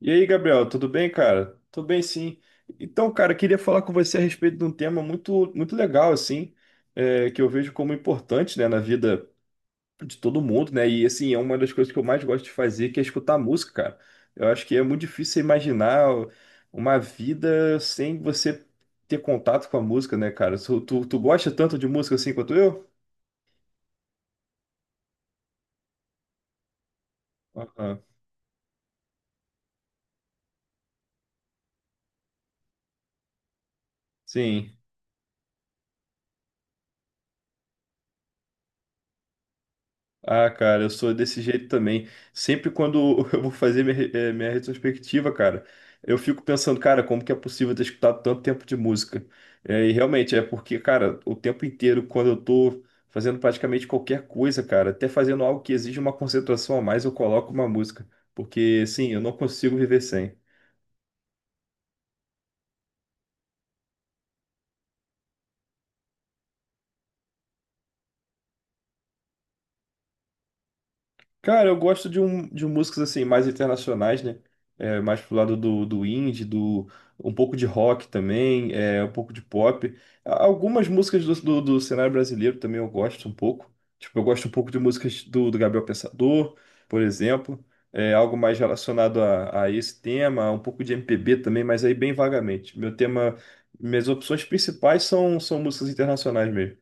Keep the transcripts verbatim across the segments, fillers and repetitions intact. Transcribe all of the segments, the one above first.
E aí, Gabriel, tudo bem, cara? Tudo bem, sim. Então, cara, queria falar com você a respeito de um tema muito, muito legal, assim, é, que eu vejo como importante, né, na vida de todo mundo, né? E, assim, é uma das coisas que eu mais gosto de fazer, que é escutar música, cara. Eu acho que é muito difícil você imaginar uma vida sem você ter contato com a música, né, cara? Tu, tu, tu gosta tanto de música assim quanto eu? Aham. Sim. Ah, cara, eu sou desse jeito também. Sempre quando eu vou fazer minha, re- eh, minha retrospectiva, cara, eu fico pensando, cara, como que é possível ter escutado tanto tempo de música? Eh, e realmente é porque, cara, o tempo inteiro, quando eu tô fazendo praticamente qualquer coisa, cara, até fazendo algo que exige uma concentração a mais, eu coloco uma música. Porque, sim, eu não consigo viver sem. Cara, eu gosto de, um, de músicas assim mais internacionais, né? É, mais pro lado do, do indie, do um pouco de rock também, é, um pouco de pop. A- Algumas músicas do, do, do cenário brasileiro também eu gosto um pouco. Tipo, eu gosto um pouco de músicas do, do Gabriel Pensador, por exemplo. É, algo mais relacionado a, a esse tema, um pouco de M P B também, mas aí bem vagamente. Meu tema, minhas opções principais são, são músicas internacionais mesmo.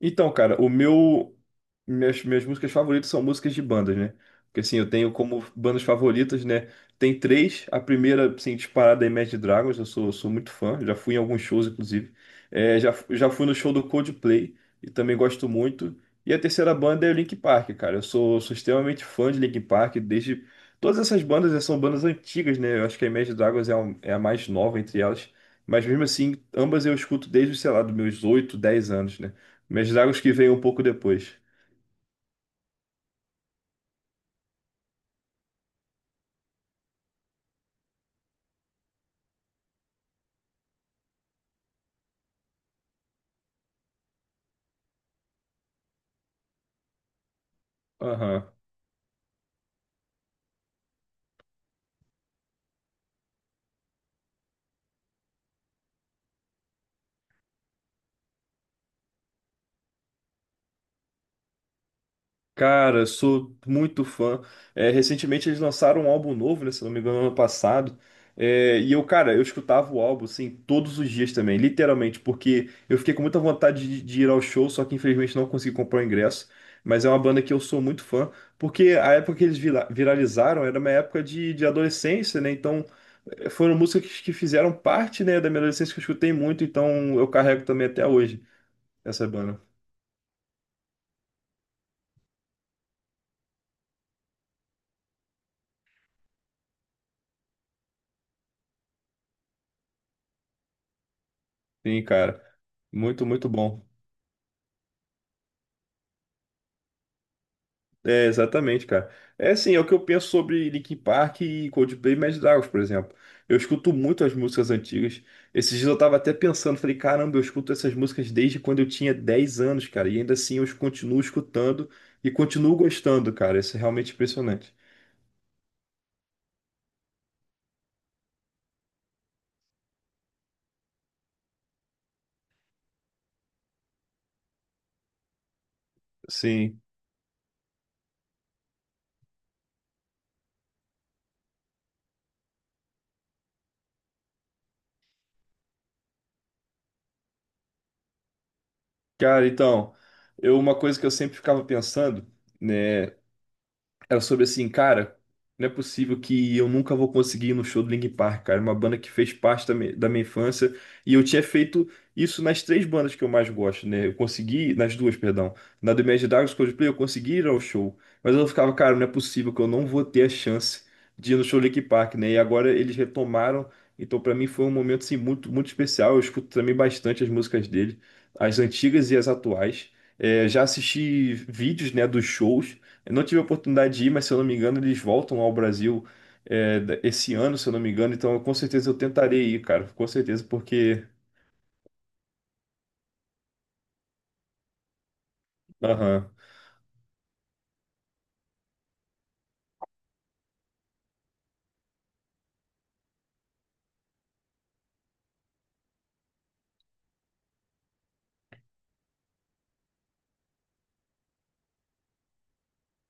Então, cara, o meu minhas, minhas músicas favoritas são músicas de bandas, né? Porque assim, eu tenho como bandas favoritas, né? Tem três. A primeira, assim, disparada é Imagine Dragons. Eu sou, sou muito fã. Já fui em alguns shows, inclusive. É, já, fu- já fui no show do Coldplay e também gosto muito. E a terceira banda é o Linkin Park, cara. Eu sou, sou extremamente fã de Linkin Park desde. Todas essas bandas eh, são bandas antigas, né? Eu acho que a Imagine Dragons é, a- é a mais nova entre elas. Mas mesmo assim, ambas eu escuto desde, sei lá, dos meus oito, dez anos, né? Meus Dragons que veio um pouco depois. Aham. Cara, sou muito fã. É, recentemente eles lançaram um álbum novo, né? Se não me engano, ano passado. É, e eu, cara, eu escutava o álbum, assim, todos os dias também, literalmente, porque eu fiquei com muita vontade de, de ir ao show, só que infelizmente não consegui comprar o ingresso. Mas é uma banda que eu sou muito fã, porque a época que eles vira- viralizaram era uma época de, de adolescência, né? Então eh, foram músicas que que fizeram parte, né, da minha adolescência que eu escutei muito, então eu carrego também até hoje essa banda. Sim, cara. Muito, muito bom. É, exatamente, cara. É assim, é o que eu penso sobre Linkin Park e Coldplay e Imagine Dragons, por exemplo. Eu escuto muito as músicas antigas. Esses dias eu tava até pensando, falei, caramba, eu escuto essas músicas desde quando eu tinha dez anos, cara. E ainda assim eu continuo escutando e continuo gostando, cara. Isso é realmente impressionante. Sim. Cara, então, eu, uma coisa que eu sempre ficava pensando, né? Era sobre assim, cara, não é possível que eu nunca vou conseguir ir no show do Linkin Park, cara. É uma banda que fez parte da, mi- da minha infância. E eu tinha feito isso nas três bandas que eu mais gosto, né? Eu consegui, nas duas, perdão. Na do Imagine Dragons, Coldplay, eu consegui ir ao show. Mas eu ficava, cara, não é possível que eu não vou ter a chance de ir no show do Linkin Park, né? E agora eles retomaram. Então, pra mim, foi um momento, assim, muito, muito especial. Eu escuto também bastante as músicas dele, as antigas e as atuais. É, já assisti vídeos, né, dos shows. Eu não tive a oportunidade de ir, mas se eu não me engano, eles voltam ao Brasil é, da- esse ano, se eu não me engano. Então, eu- com certeza eu tentarei ir, cara. Com certeza, porque. Aham,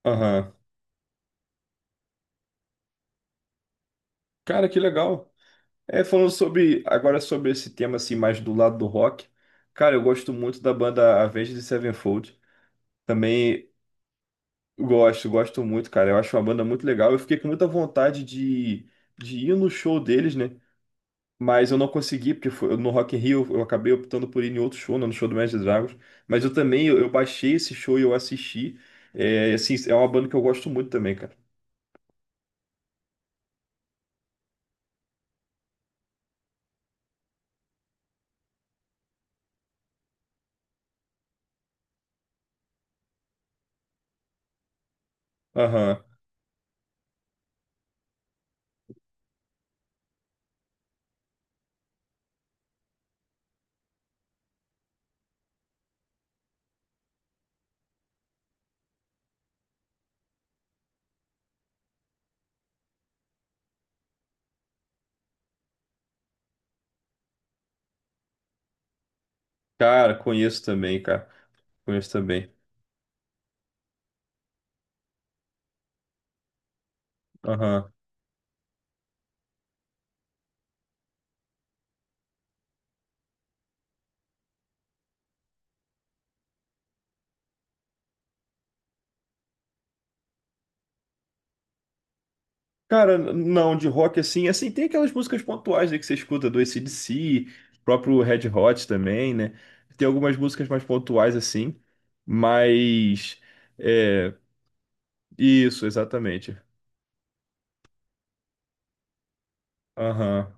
aham. Cara, que legal. É, falando sobre. Agora sobre esse tema, assim, mais do lado do rock. Cara, eu gosto muito da banda Avenged Sevenfold. Também gosto, gosto muito, cara. Eu acho uma banda muito legal. Eu fiquei com muita vontade de, de ir no show deles, né? Mas eu não consegui, porque foi- no Rock in Rio eu acabei optando por ir em outro show, não no show do Imagine Dragons. Mas eu também, eu, eu baixei esse show e eu assisti. É, assim, é uma banda que eu gosto muito também, cara. Aham. Cara, conheço também, cara. Conheço também. Aham. Cara, n- não, de rock assim, assim, tem aquelas músicas pontuais, né, que você escuta do A C/D C, próprio Red Hot também, né? Tem algumas músicas mais pontuais assim, mas... É, isso, exatamente. Aham.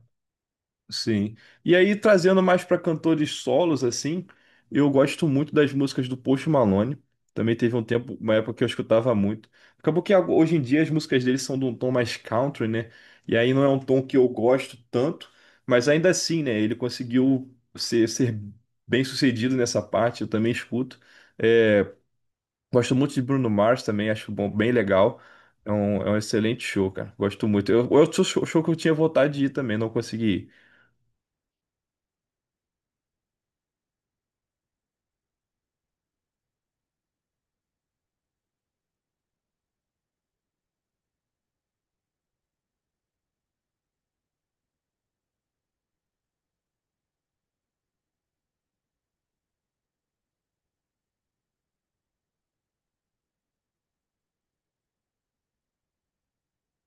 Sim. E aí, trazendo mais para cantores solos, assim, eu gosto muito das músicas do Post Malone. Também teve um tempo, uma época que eu escutava muito. Acabou que ag- hoje em dia as músicas dele são de um tom mais country, né? E aí não é um tom que eu gosto tanto, mas ainda assim, né? Ele conseguiu ser, ser bem sucedido nessa parte, eu também escuto. É, gosto muito de Bruno Mars também, acho bom, bem legal. É um, é um excelente show, cara. Gosto muito. Eu, outro show show que eu tinha vontade de ir também, não consegui ir.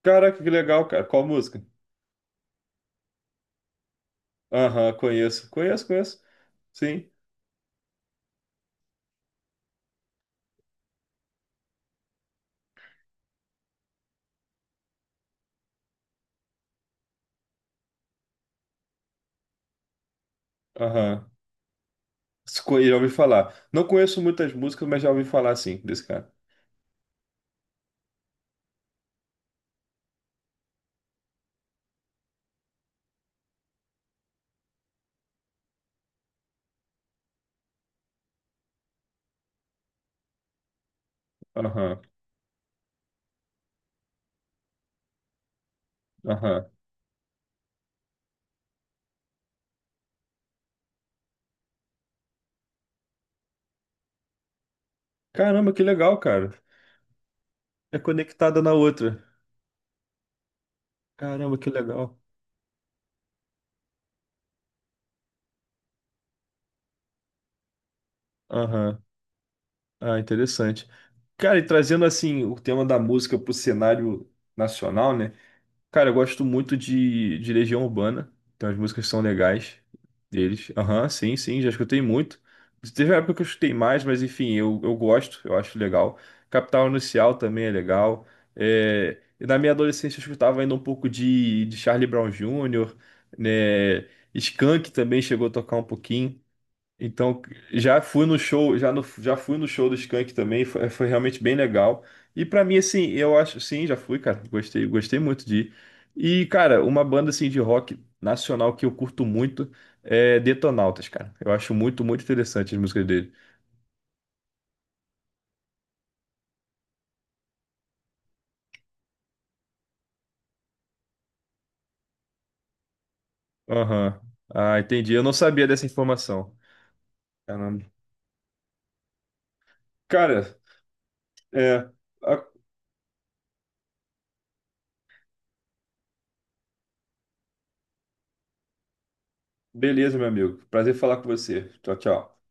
Caraca, que legal, cara. Qual música? Aham, conheço. Conheço, conheço. Sim. Aham. Se conhe- Já ouvi falar. Não conheço muitas músicas, mas já ouvi falar, sim, desse cara. Aham, aham. Caramba, que legal, cara. É conectada na outra. Caramba, que legal. Aham. Ah, interessante. Cara, e trazendo, assim, o tema da música pro cenário nacional, né? Cara, eu gosto muito de, de Legião Urbana, então as músicas são legais deles. Aham, sim, sim, já escutei muito. Teve uma época que eu escutei mais, mas enfim, eu, eu gosto, eu acho legal. Capital Inicial também é legal. É, e na minha adolescência eu escutava ainda um pouco de, de Charlie Brown júnior, né? Skank também chegou a tocar um pouquinho. Então, já fui no show, já, no, já fui no show do Skank também, foi, foi realmente bem legal. E pra mim, assim, eu acho, sim, já fui, cara, gostei, gostei muito de ir. E, cara, uma banda, assim, de rock nacional que eu curto muito é Detonautas, cara. Eu acho muito, muito interessante as músicas dele. Aham. Ah, entendi. Eu não sabia dessa informação. Caramba. Cara, é... ah, beleza, meu amigo. Prazer falar com você. Tchau, tchau.